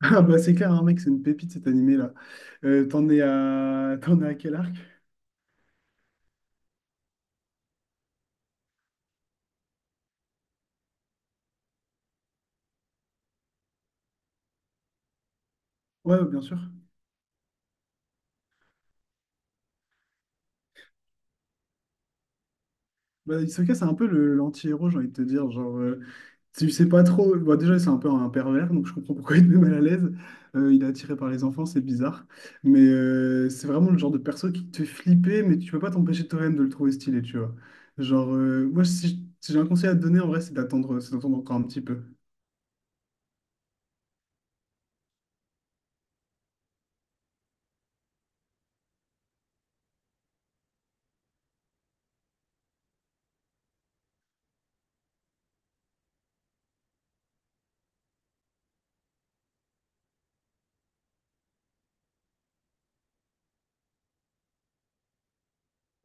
Ah bah c'est clair, hein, mec, c'est une pépite cet animé-là. T'en es à... t'en es à quel arc? Ouais, bien sûr. Bah, Hisoka, c'est un peu le l'anti-héros, j'ai envie de te dire. Tu sais pas trop. Bah, déjà, c'est un peu un pervers, donc je comprends pourquoi il est mal à l'aise. Il est attiré par les enfants, c'est bizarre. Mais c'est vraiment le genre de perso qui te fait flipper, mais tu peux pas t'empêcher toi-même de le trouver stylé, tu vois. Genre, moi, si j'ai un conseil à te donner, en vrai, c'est d'attendre encore un petit peu.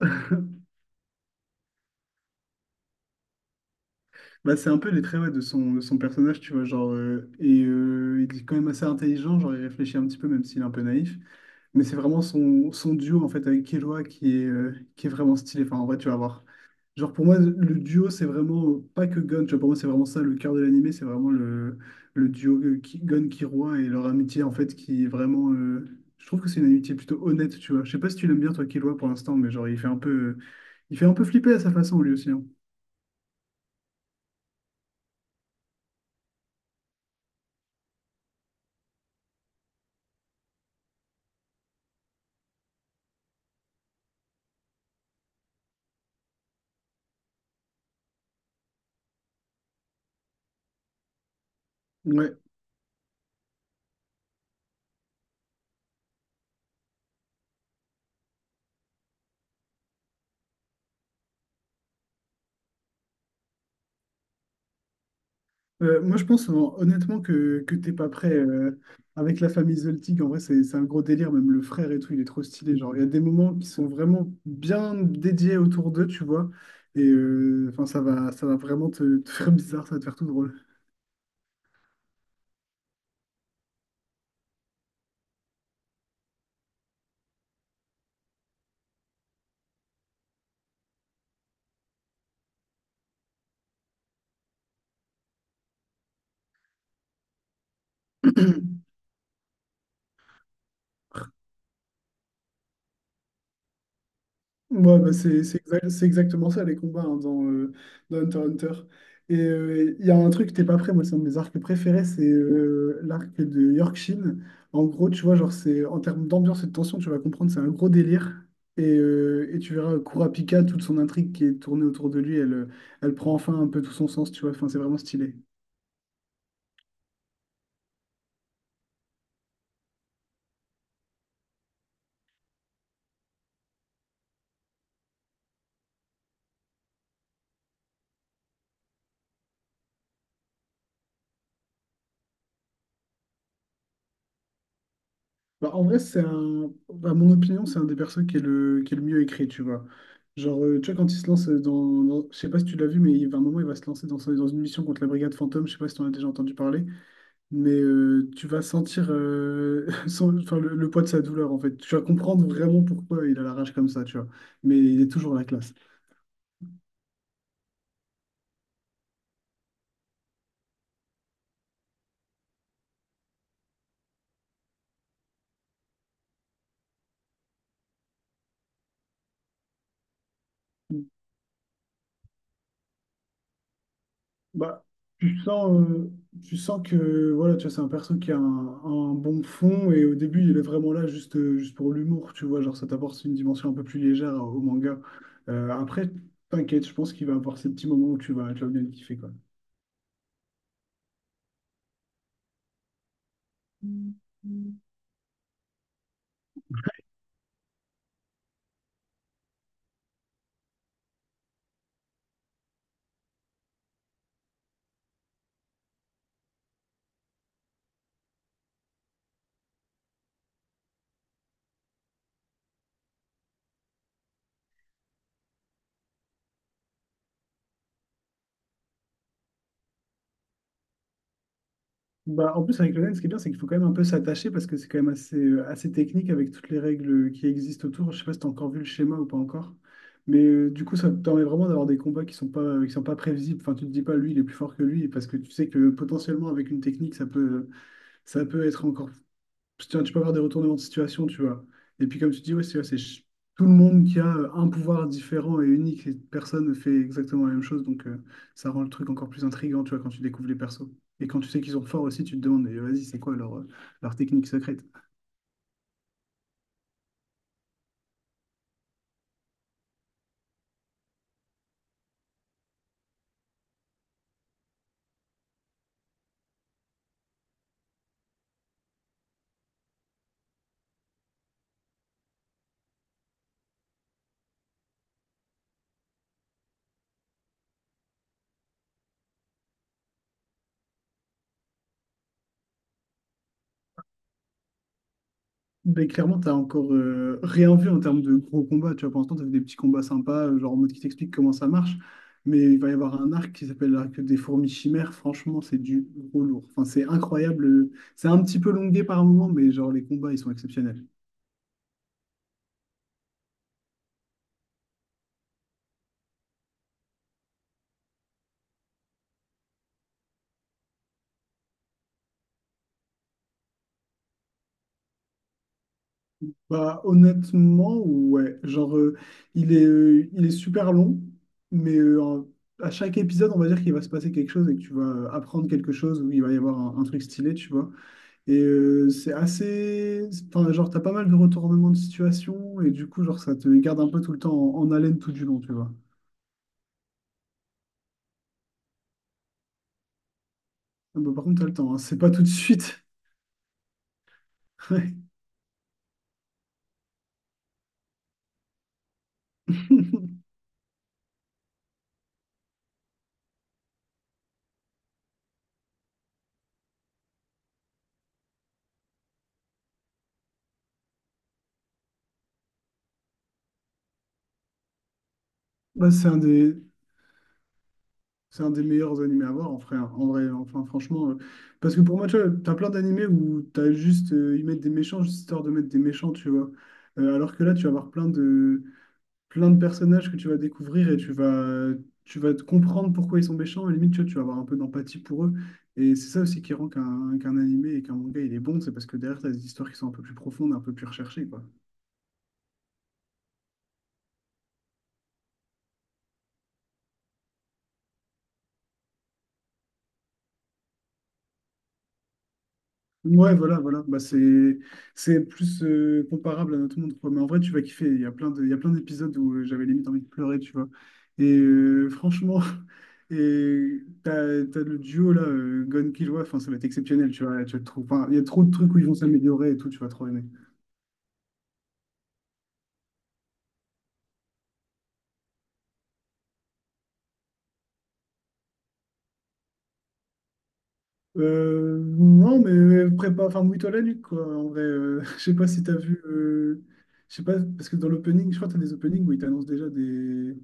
Bah, c'est un peu les traits ouais, de son personnage, tu vois, genre, il est quand même assez intelligent, genre il réfléchit un petit peu, même s'il est un peu naïf, mais c'est vraiment son, son duo, en fait, avec Killua qui est vraiment stylé, enfin, en vrai, tu vas voir. Pour moi, le duo, c'est vraiment pas que Gon, tu vois, pour moi, c'est vraiment ça, le cœur de l'animé, c'est vraiment le, le duo Gon-Killua et leur amitié, en fait, je trouve que c'est une amitié plutôt honnête, tu vois, je sais pas si tu l'aimes bien, toi, Killua, pour l'instant, mais genre, il fait un peu, il fait un peu flipper à sa façon, lui aussi, hein. Ouais. Moi, je pense honnêtement que, t'es pas prêt avec la famille Zoltik. En vrai, c'est un gros délire. Même le frère et tout, il est trop stylé. Genre, il y a des moments qui sont vraiment bien dédiés autour d'eux, tu vois. Enfin, ça va vraiment te, te faire bizarre, ça va te faire tout drôle. Ouais, bah, c'est exactement ça les combats hein, dans Hunter x Hunter. Et il y a un truc, t'es pas prêt, moi c'est un de mes arcs préférés, c'est l'arc de Yorkshin. En gros, tu vois, genre c'est en termes d'ambiance et de tension, tu vas comprendre, c'est un gros délire. Et tu verras Kurapika, toute son intrigue qui est tournée autour de lui, elle prend enfin un peu tout son sens, tu vois, enfin c'est vraiment stylé. Bah, en vrai, c'est un... à mon opinion, c'est un des persos qui est le mieux écrit, tu vois. Tu vois, quand il se lance dans... dans- Je sais pas si tu l'as vu, mais il va un moment, il va se lancer dans, son- dans une mission contre la Brigade Fantôme. Je sais pas si tu en as déjà entendu parler. Mais tu vas sentir son- enfin, le poids de sa douleur, en fait. Tu vas comprendre vraiment pourquoi il a la rage comme ça, tu vois. Mais il est toujours la classe. Bah, tu sens, euh, tu sens que voilà, tu vois, c'est un perso qui a un bon fond et au début il est vraiment là juste pour l'humour, tu vois, genre ça t'apporte une dimension un peu plus légère au manga. Après, t'inquiète, je pense qu'il va avoir ces petits moments où tu vas bien le kiffer, quoi. Bah, en plus, avec le LAN, ce qui est bien, c'est qu'il faut quand même un peu s'attacher parce que c'est quand même assez technique avec toutes les règles qui existent autour. Je sais pas si tu as encore vu le schéma ou pas encore. Mais du coup, ça te permet vraiment d'avoir des combats qui sont pas prévisibles. Enfin, tu te dis pas, lui, il est plus fort que lui parce que tu sais que potentiellement, avec une technique, ça peut être encore tu vois, tu peux avoir des retournements de situation, tu vois. Et puis, comme tu dis, ouais, tout le monde qui a un pouvoir différent et unique, et personne ne fait exactement la même chose. Donc, ça rend le truc encore plus intriguant, tu vois, quand tu découvres les persos. Et quand tu sais qu'ils sont forts aussi, tu te demandes, mais vas-y, c'est quoi leur technique secrète? Ben, clairement, t'as encore rien vu en termes de gros combats. Tu vois, pour l'instant, t'as vu des petits combats sympas, genre en mode qui t'explique comment ça marche. Mais il va y avoir un arc qui s'appelle l'arc des fourmis chimères. Franchement, c'est du gros lourd. Enfin, c'est incroyable. C'est un petit peu longué par moment, mais genre les combats, ils sont exceptionnels. Bah, honnêtement, ouais. Genre, il est super long, mais à chaque épisode, on va dire qu'il va se passer quelque chose et que tu vas apprendre quelque chose ou il va y avoir un truc stylé, tu vois. Et c'est assez. Enfin, genre, t'as pas mal de retournements de situation et du coup, genre, ça te garde un peu tout le temps en, en haleine tout du long, tu vois. Ah bah, par contre, t'as le temps, hein. C'est pas tout de suite. Ouais. Bah, c'est un des meilleurs animés à voir en vrai, enfin franchement. Parce que pour moi, tu vois, t'as plein d'animés où t'as juste, ils mettent des méchants juste histoire de mettre des méchants, tu vois. Alors que là, tu vas avoir plein de personnages que tu vas découvrir et tu vas te comprendre pourquoi ils sont méchants. Et limite, tu vois, tu vas avoir un peu d'empathie pour eux. Et c'est ça aussi qui rend qu'un animé et qu'un manga, il est bon. C'est parce que derrière, tu as des histoires qui sont un peu plus profondes, un peu plus recherchées, quoi. Ouais, voilà, voilà. Bah, c'est, c'est plus comparable à notre monde, quoi. Mais en vrai, tu vas kiffer. Il y a plein de, il y a plein d'épisodes où j'avais limite envie de pleurer, tu vois. Et franchement... Et t'as, t'as le duo là, Gon Killua, enfin ça va être exceptionnel, tu vois, tu vas le trouver. Enfin, il y a trop de trucs où ils vont s'améliorer et tout, tu vas trop aimer. Non, mais prépa, enfin, mouille-toi la nuque, quoi. En vrai, je sais pas si t'as vu, je sais pas, parce que dans l'opening, je crois que t'as des openings où ils t'annoncent déjà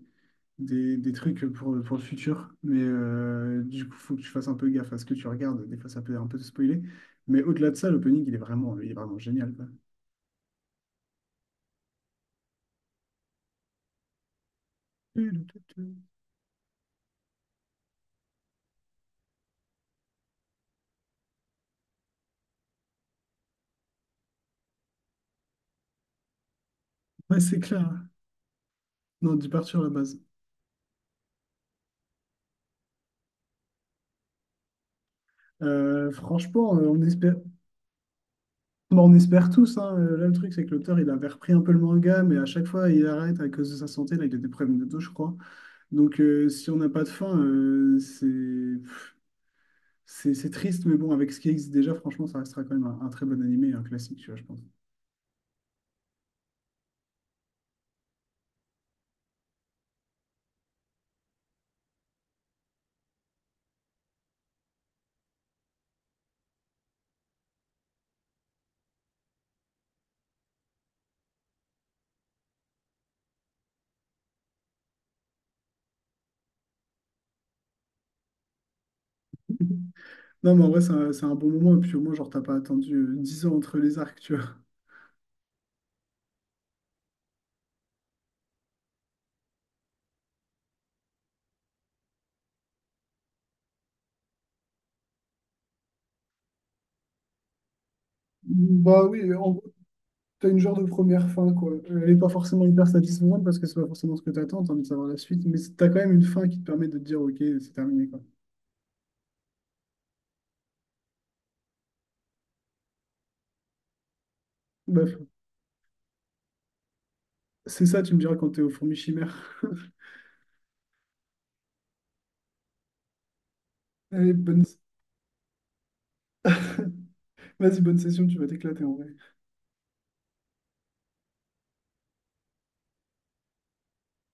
des trucs pour le futur, mais du coup, faut que tu fasses un peu gaffe à ce que tu regardes. Des fois, ça peut un peu te spoiler, mais au-delà de ça, l'opening, il est vraiment génial, quoi. Ouais, c'est clair, hein. Non, du part sur la base. Franchement, on espère. Bon, on espère tous, hein. Là, le truc, c'est que l'auteur, il avait repris un peu le manga, mais à chaque fois, il arrête à cause de sa santé. Là, il a des problèmes de dos, je crois. Donc, si on n'a pas de fin, c'est pff, c'est triste, mais bon, avec ce qui existe déjà, franchement, ça restera quand même un très bon animé, un classique, tu vois, je pense. Non, mais en vrai, c'est un bon moment, et puis au moins, genre, t'as pas attendu 10 ans entre les arcs, tu vois. Bah oui, en gros, t'as une genre de première fin, quoi. Elle est pas forcément hyper satisfaisante parce que c'est pas forcément ce que t'attends, t'as envie de savoir la suite, mais c'est- t'as quand même une fin qui te permet de te dire, ok, c'est terminé, quoi. Bref. C'est ça, tu me diras quand t'es au fourmi chimère. Allez, bonne... Vas-y, bonne session, tu vas t'éclater en vrai.